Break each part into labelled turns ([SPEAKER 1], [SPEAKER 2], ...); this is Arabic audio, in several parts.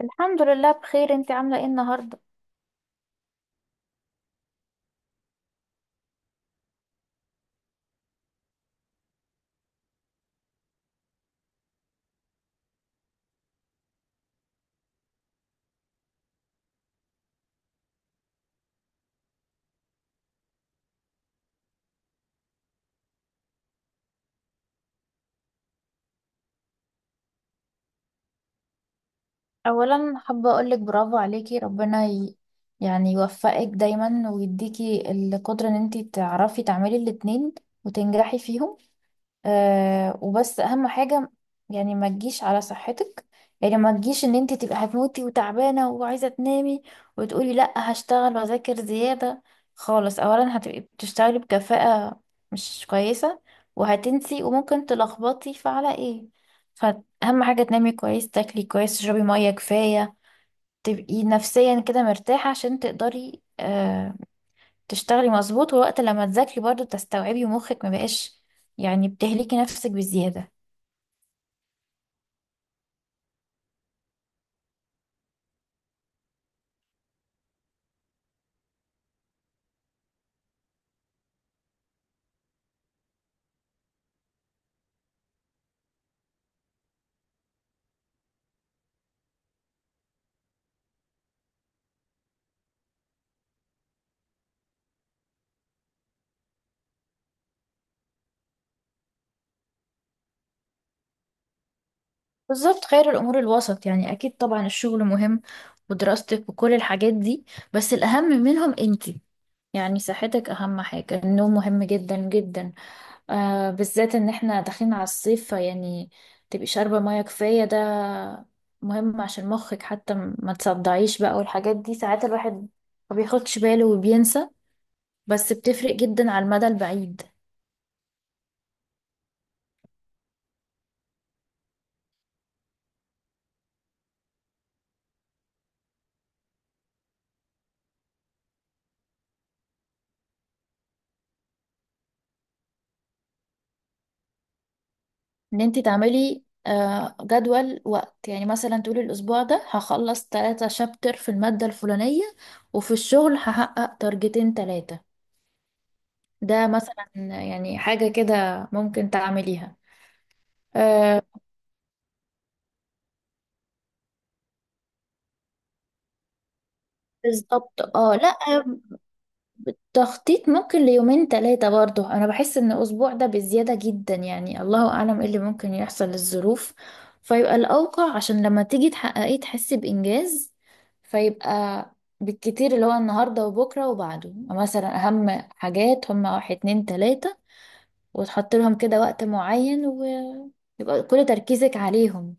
[SPEAKER 1] الحمد لله، بخير. انت عاملة ايه النهاردة؟ اولا حابة اقولك برافو عليكي. يعني يوفقك دايما ويديكي القدرة ان انت تعرفي تعملي الاتنين وتنجحي فيهم. وبس اهم حاجة، يعني ما تجيش على صحتك. يعني ما تجيش ان انت تبقى هتموتي وتعبانة وعايزة تنامي وتقولي لا، هشتغل واذاكر زيادة خالص. اولا هتبقي بتشتغلي بكفاءة مش كويسة، وهتنسي وممكن تلخبطي فعلى ايه. فاهم حاجة، تنامي كويس، تاكلي كويس، تشربي مية كفاية، تبقي نفسيا كده مرتاحة عشان تقدري تشتغلي مظبوط. ووقت لما تذاكري برضه بتستوعبي ومخك ما بقاش، يعني بتهلكي نفسك بالزيادة. بالظبط، خير الأمور الوسط. يعني أكيد طبعا الشغل مهم ودراستك وكل الحاجات دي، بس الأهم منهم أنتي. يعني صحتك أهم حاجة، النوم مهم جدا جدا، آه، بالذات إن احنا داخلين على الصيف. يعني تبقي شاربة مية كفاية، ده مهم عشان مخك حتى ما تصدعيش بقى. والحاجات دي ساعات الواحد ما بياخدش باله وبينسى، بس بتفرق جدا على المدى البعيد. ان انت تعملي جدول وقت، يعني مثلا تقولي الاسبوع ده هخلص ثلاثة شابتر في المادة الفلانية، وفي الشغل هحقق تارجتين ثلاثة. ده مثلا، يعني حاجة كده ممكن تعمليها. آه، بالظبط. اه، لا، تخطيط ممكن ليومين تلاتة. برضه أنا بحس إن الأسبوع ده بزيادة جدا، يعني الله أعلم إيه اللي ممكن يحصل للظروف. فيبقى الأوقع، عشان لما تيجي تحققيه تحسي بإنجاز. فيبقى بالكتير اللي هو النهاردة وبكرة وبعده، مثلا أهم حاجات هما واحد اتنين تلاتة، وتحط لهم كده وقت معين، ويبقى كل تركيزك عليهم.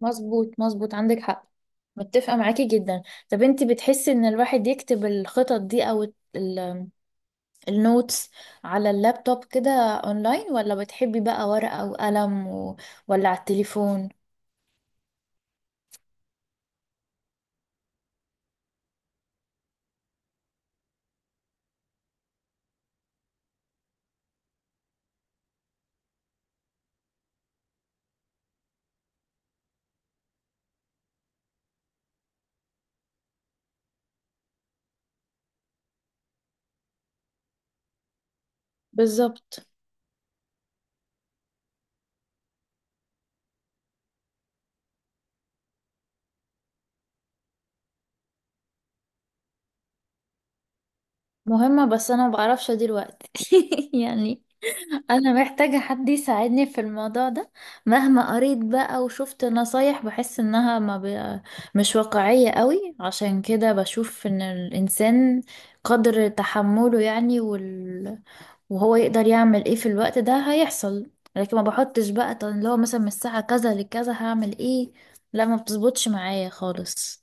[SPEAKER 1] مظبوط مظبوط، عندك حق. متفقة معاكي جدا. طب انتي بتحسي إن الواحد يكتب الخطط دي أو النوتس على اللابتوب كده اونلاين، ولا بتحبي بقى ورقة وقلم ولا على التليفون؟ بالظبط. مهمة، بس انا ما بعرفش ادير وقت. يعني انا محتاجة حد يساعدني في الموضوع ده. مهما قريت بقى وشفت نصايح بحس انها ما ب... مش واقعية قوي. عشان كده بشوف ان الانسان قدر تحمله، يعني وهو يقدر يعمل ايه في الوقت ده هيحصل، لكن ما بحطش بقى طب اللي هو مثلا من الساعة كذا لكذا هعمل ايه، لا ما بتظبطش معايا خالص.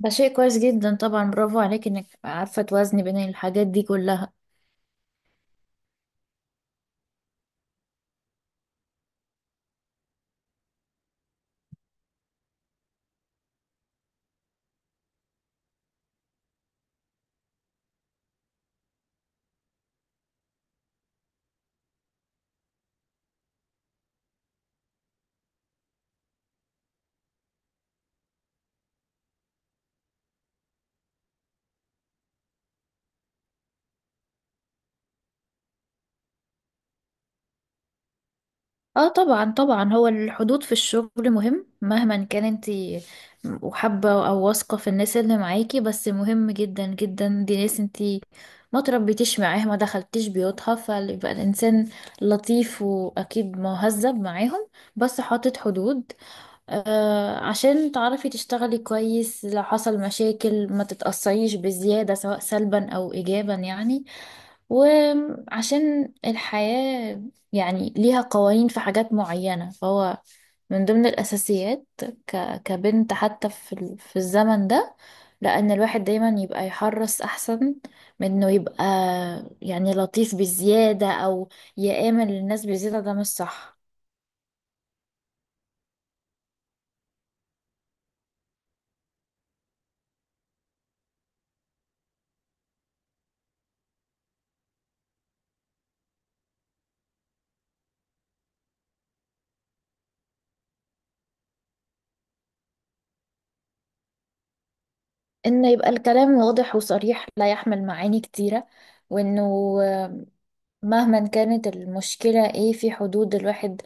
[SPEAKER 1] ده شيء كويس جدا طبعا، برافو عليك انك عارفة توازني بين الحاجات دي كلها. اه، طبعا طبعا، هو الحدود في الشغل مهم مهما كان انت وحابة او واثقة في الناس اللي معاكي، بس مهم جدا جدا. دي ناس انت ما تربيتيش معاها ما دخلتيش بيوتها، فيبقى الانسان لطيف واكيد مهذب معاهم، بس حاطط حدود، آه، عشان تعرفي تشتغلي كويس. لو حصل مشاكل ما تتأثريش بزيادة، سواء سلبا او ايجابا يعني. وعشان الحياة يعني ليها قوانين في حاجات معينة، فهو من ضمن الأساسيات كبنت حتى في في الزمن ده، لأن الواحد دايما يبقى يحرص أحسن من إنه يبقى يعني لطيف بزيادة أو يآمن للناس بزيادة، ده مش صح. إنه يبقى الكلام واضح وصريح لا يحمل معاني كتيرة، وإنه مهما كانت المشكلة ايه في حدود الواحد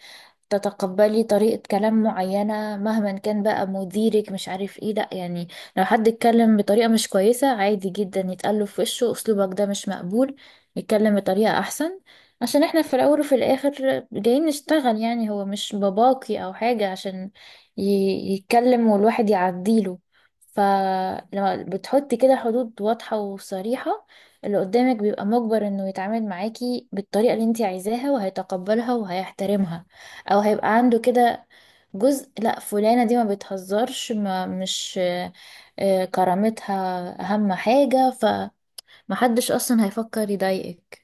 [SPEAKER 1] تتقبلي طريقة كلام معينة، مهما كان بقى مديرك مش عارف ايه، لا يعني. لو حد اتكلم بطريقة مش كويسة عادي جدا يتقله في وشه اسلوبك ده مش مقبول، يتكلم بطريقة احسن. عشان احنا في الاول وفي الاخر جايين نشتغل، يعني هو مش باباكي او حاجة عشان يتكلم والواحد يعديله. فلما بتحطي كده حدود واضحة وصريحة، اللي قدامك بيبقى مجبر انه يتعامل معاكي بالطريقة اللي انتي عايزاها، وهيتقبلها وهيحترمها، او هيبقى عنده كده جزء، لا فلانة دي ما بتهزرش ما مش كرامتها اهم حاجة، فمحدش اصلا هيفكر يضايقك.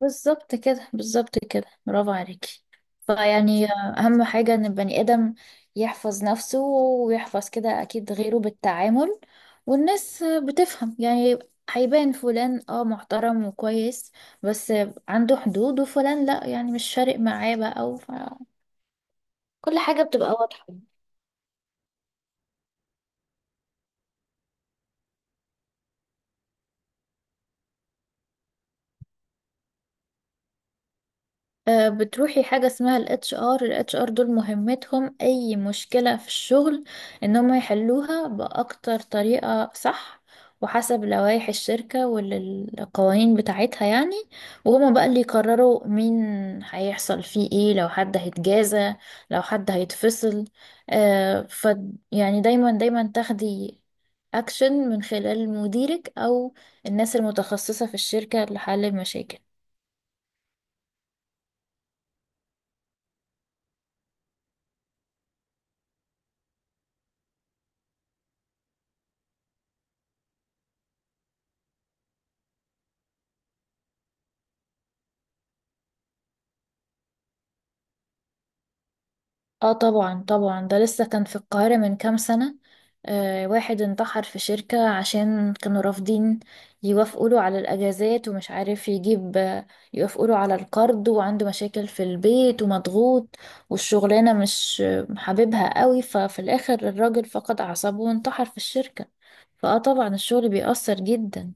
[SPEAKER 1] بالظبط كده بالظبط كده، برافو عليكي. فيعني أهم حاجة إن البني آدم يحفظ نفسه ويحفظ كده أكيد غيره بالتعامل، والناس بتفهم يعني. هيبان فلان اه محترم وكويس بس عنده حدود، وفلان لا، يعني مش فارق معاه بقى، أو كل حاجة بتبقى واضحة. آه، بتروحي حاجة اسمها ال HR. ال HR دول مهمتهم أي مشكلة في الشغل إن هم يحلوها بأكتر طريقة صح، وحسب لوائح الشركة والقوانين بتاعتها يعني. وهما بقى اللي يقرروا مين هيحصل فيه ايه، لو حد هيتجازى لو حد هيتفصل. ف يعني دايما دايما تاخدي أكشن من خلال مديرك أو الناس المتخصصة في الشركة لحل المشاكل. اه طبعا طبعا، ده لسه كان في القاهرة من كام سنة، آه، واحد انتحر في شركة عشان كانوا رافضين يوافقوا له على الأجازات، ومش عارف يجيب يوافقوا له على القرض، وعنده مشاكل في البيت ومضغوط، والشغلانة مش حاببها قوي، ففي الآخر الراجل فقد أعصابه وانتحر في الشركة. فاه طبعا الشغل بيأثر جدا.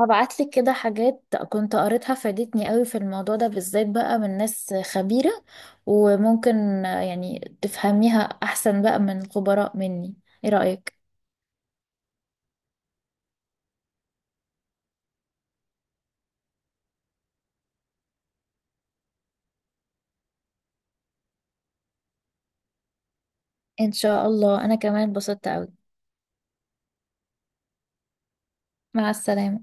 [SPEAKER 1] هبعت لك كده حاجات كنت قريتها فادتني قوي في الموضوع ده بالذات، بقى من ناس خبيرة. وممكن يعني تفهميها احسن بقى من خبراء مني. ايه رأيك؟ ان شاء الله، انا كمان اتبسطت قوي. مع السلامة.